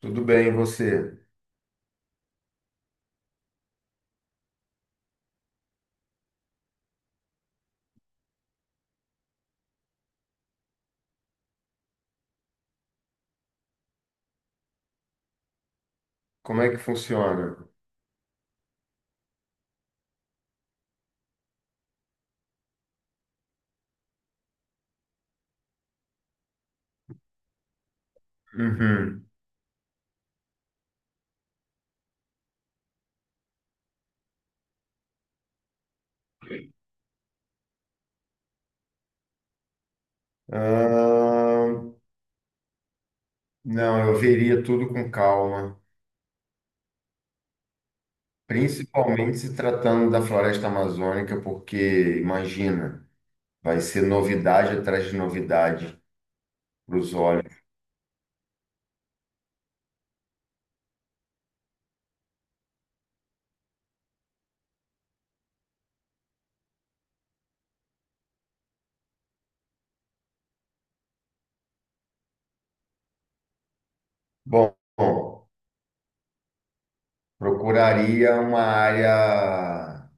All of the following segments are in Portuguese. Tudo bem, e você? Como é que funciona? Uhum. Ah, não, eu veria tudo com calma, principalmente se tratando da floresta amazônica, porque imagina, vai ser novidade atrás de novidade para os olhos. Bom, procuraria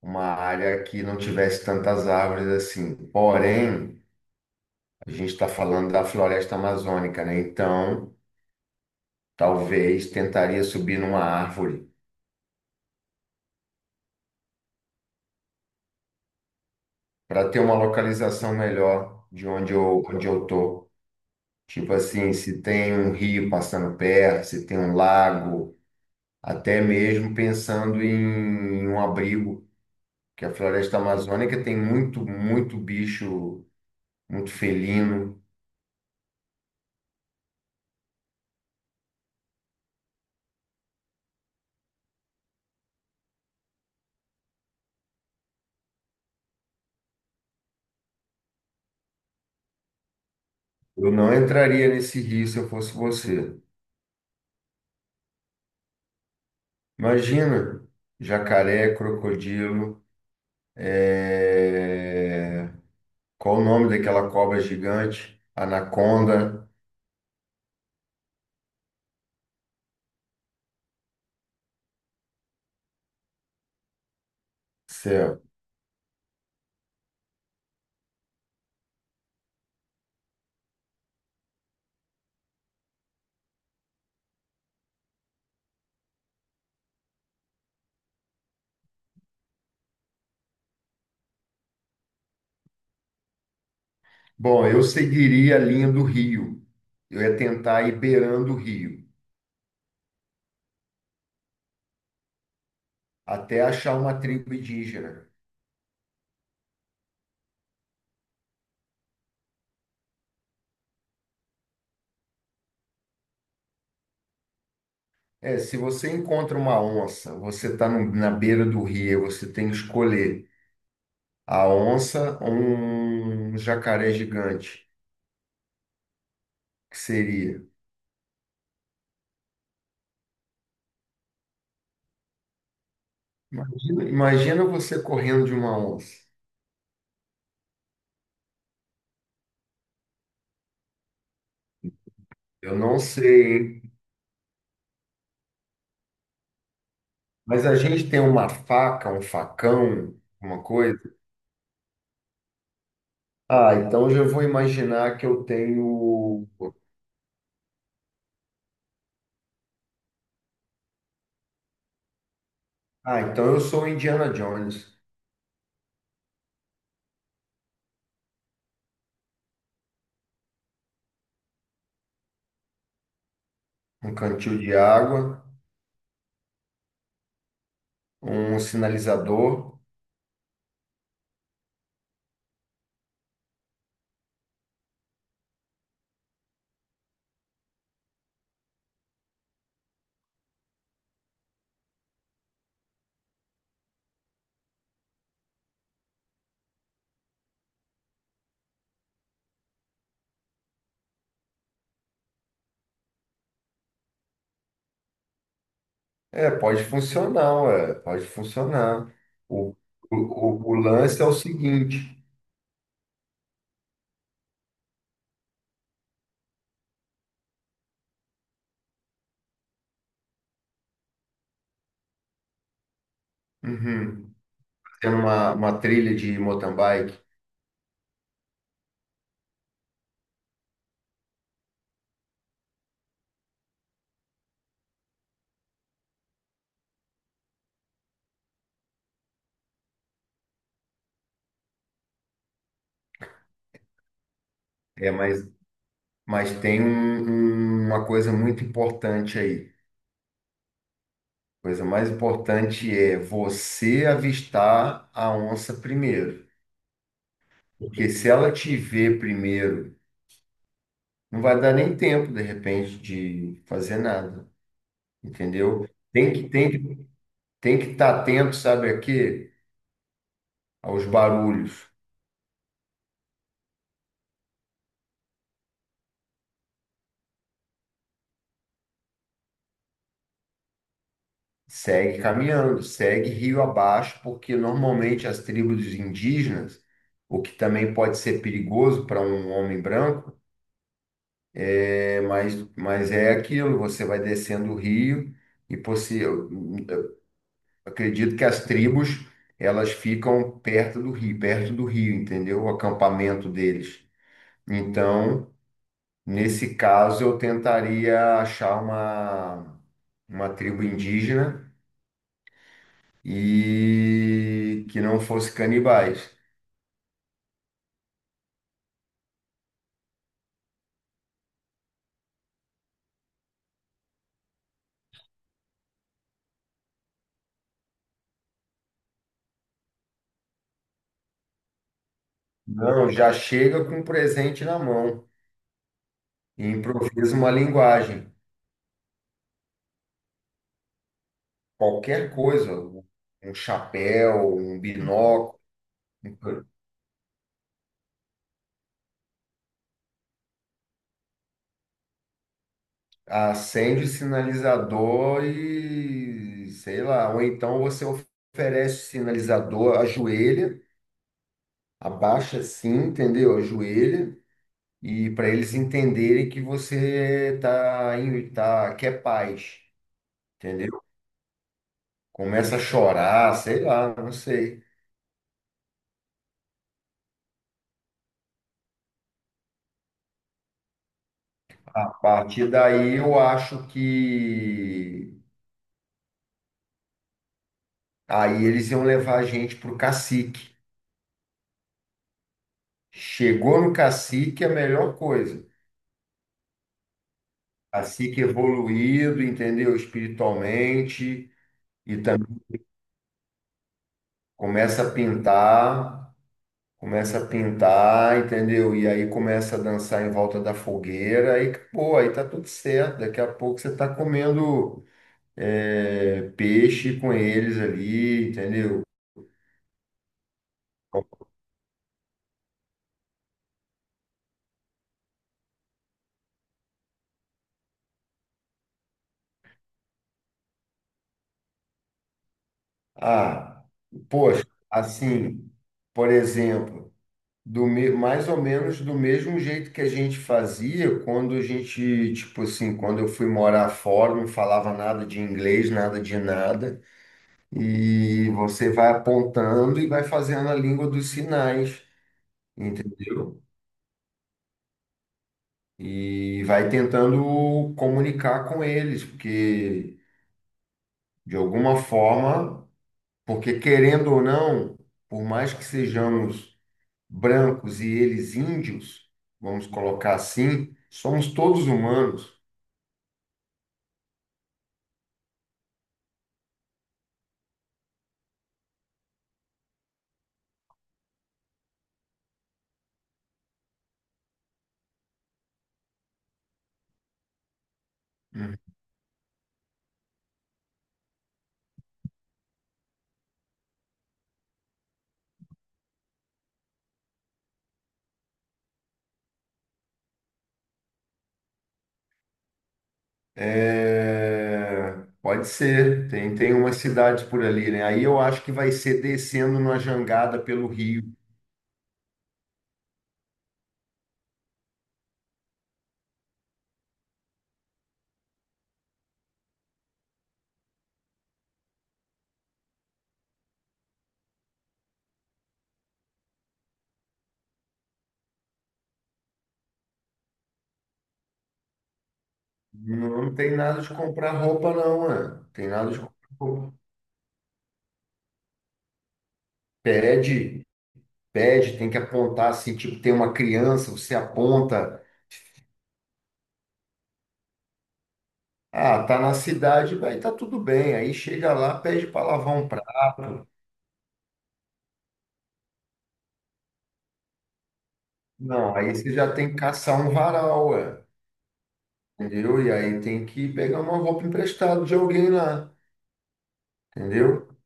uma área que não tivesse tantas árvores assim. Porém, a gente está falando da floresta amazônica, né? Então talvez tentaria subir numa árvore para ter uma localização melhor de onde eu tô. Tipo assim, se tem um rio passando perto, se tem um lago, até mesmo pensando em um abrigo, que a floresta amazônica tem muito, muito bicho, muito felino. Eu não entraria nesse rio se eu fosse você. Imagina, jacaré, crocodilo, é... qual o nome daquela cobra gigante? Anaconda. Céu. Bom, eu seguiria a linha do rio. Eu ia tentar ir beirando o rio, até achar uma tribo indígena. É, se você encontra uma onça, você está na beira do rio, você tem que escolher a onça ou um jacaré gigante, que seria. Imagina, imagina você correndo de uma onça. Eu não sei, hein? Mas a gente tem uma faca, um facão, uma coisa. Ah, então eu já vou imaginar que eu tenho. Ah, então eu sou o Indiana Jones. Um cantil de água, um sinalizador. É, pode funcionar, ué, pode funcionar. O, o lance é o seguinte: uhum, tem uma trilha de mountain bike, é, mas, mas tem uma coisa muito importante aí. A coisa mais importante é você avistar a onça primeiro. Porque se ela te ver primeiro não vai dar nem tempo, de repente, de fazer nada, entendeu? Tem que estar atento, sabe aqui, aos barulhos. Segue caminhando, segue rio abaixo, porque normalmente as tribos indígenas, o que também pode ser perigoso para um homem branco, mas é aquilo, você vai descendo o rio e eu acredito que as tribos elas ficam perto do rio, entendeu? O acampamento deles. Então, Nesse caso, eu tentaria achar uma tribo indígena e que não fosse canibais. Não, já chega com um presente na mão e improvisa uma linguagem. Qualquer coisa, um chapéu, um binóculo, acende o sinalizador e sei lá. Ou então você oferece o sinalizador, ajoelha, abaixa assim, entendeu? Ajoelha e para eles entenderem que você tá quer paz, entendeu? Começa a chorar, sei lá, não sei. A partir daí eu acho que aí eles iam levar a gente pro cacique. Chegou no cacique é a melhor coisa. Cacique evoluído, entendeu? Espiritualmente e também começa a pintar. Começa a pintar, entendeu? E aí começa a dançar em volta da fogueira e acabou, aí tá tudo certo. Daqui a pouco você tá comendo peixe com eles ali, entendeu? Ah, poxa, assim, por exemplo, mais ou menos do mesmo jeito que a gente fazia quando a gente, tipo assim, quando eu fui morar fora, não falava nada de inglês, nada de nada. E você vai apontando e vai fazendo a língua dos sinais, entendeu? E vai tentando comunicar com eles, porque de alguma forma, porque querendo ou não, por mais que sejamos brancos e eles índios, vamos colocar assim, somos todos humanos. Uhum. É, pode ser, tem umas cidades por ali, né? Aí eu acho que vai ser descendo numa jangada pelo rio. Não tem nada de comprar roupa, não, né? Tem nada de comprar roupa. Pede, pede, tem que apontar assim, tipo, tem uma criança, você aponta, ah, tá na cidade, vai, tá tudo bem. Aí chega lá, pede para lavar um prato. Não, aí você já tem que caçar um varal, ué, entendeu? E aí tem que pegar uma roupa emprestada de alguém lá, entendeu?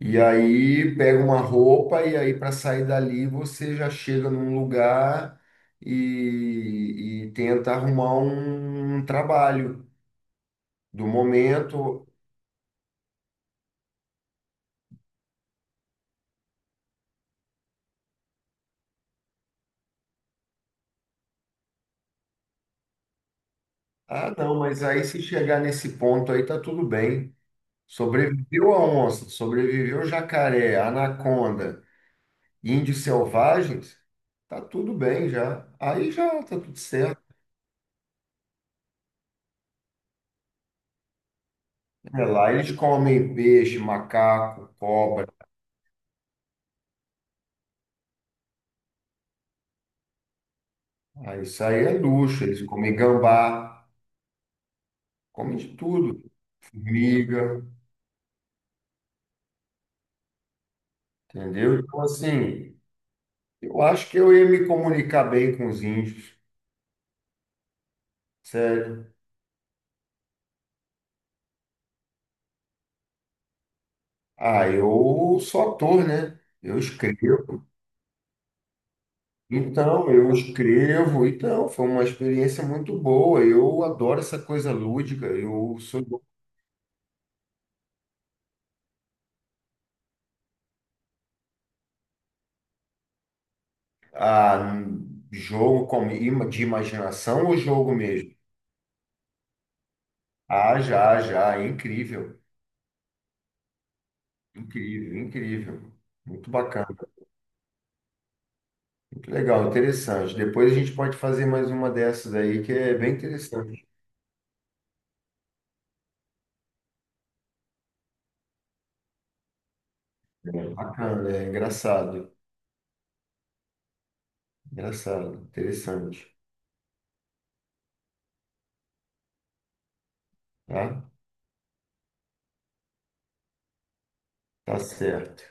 E aí pega uma roupa e aí para sair dali você já chega num lugar e tenta arrumar um trabalho do momento. Ah, não, mas aí se chegar nesse ponto aí tá tudo bem. Sobreviveu a onça, sobreviveu o jacaré, a anaconda, índios selvagens, tá tudo bem já. Aí já tá tudo certo. É, lá eles comem peixe, macaco, cobra. Ah, isso aí é luxo, eles comem gambá. Come de tudo, formiga, entendeu? Então, assim, eu acho que eu ia me comunicar bem com os índios, sério. Ah, eu sou ator, né? Eu escrevo. Então, eu escrevo. Então, foi uma experiência muito boa. Eu adoro essa coisa lúdica. Eu sou ah, jogo com, de imaginação ou jogo mesmo? Ah, já, já. Incrível. Incrível, incrível. Muito bacana. Que legal, interessante. Depois a gente pode fazer mais uma dessas aí, que é bem interessante. É bacana, é engraçado. Engraçado, interessante. Tá? Tá certo.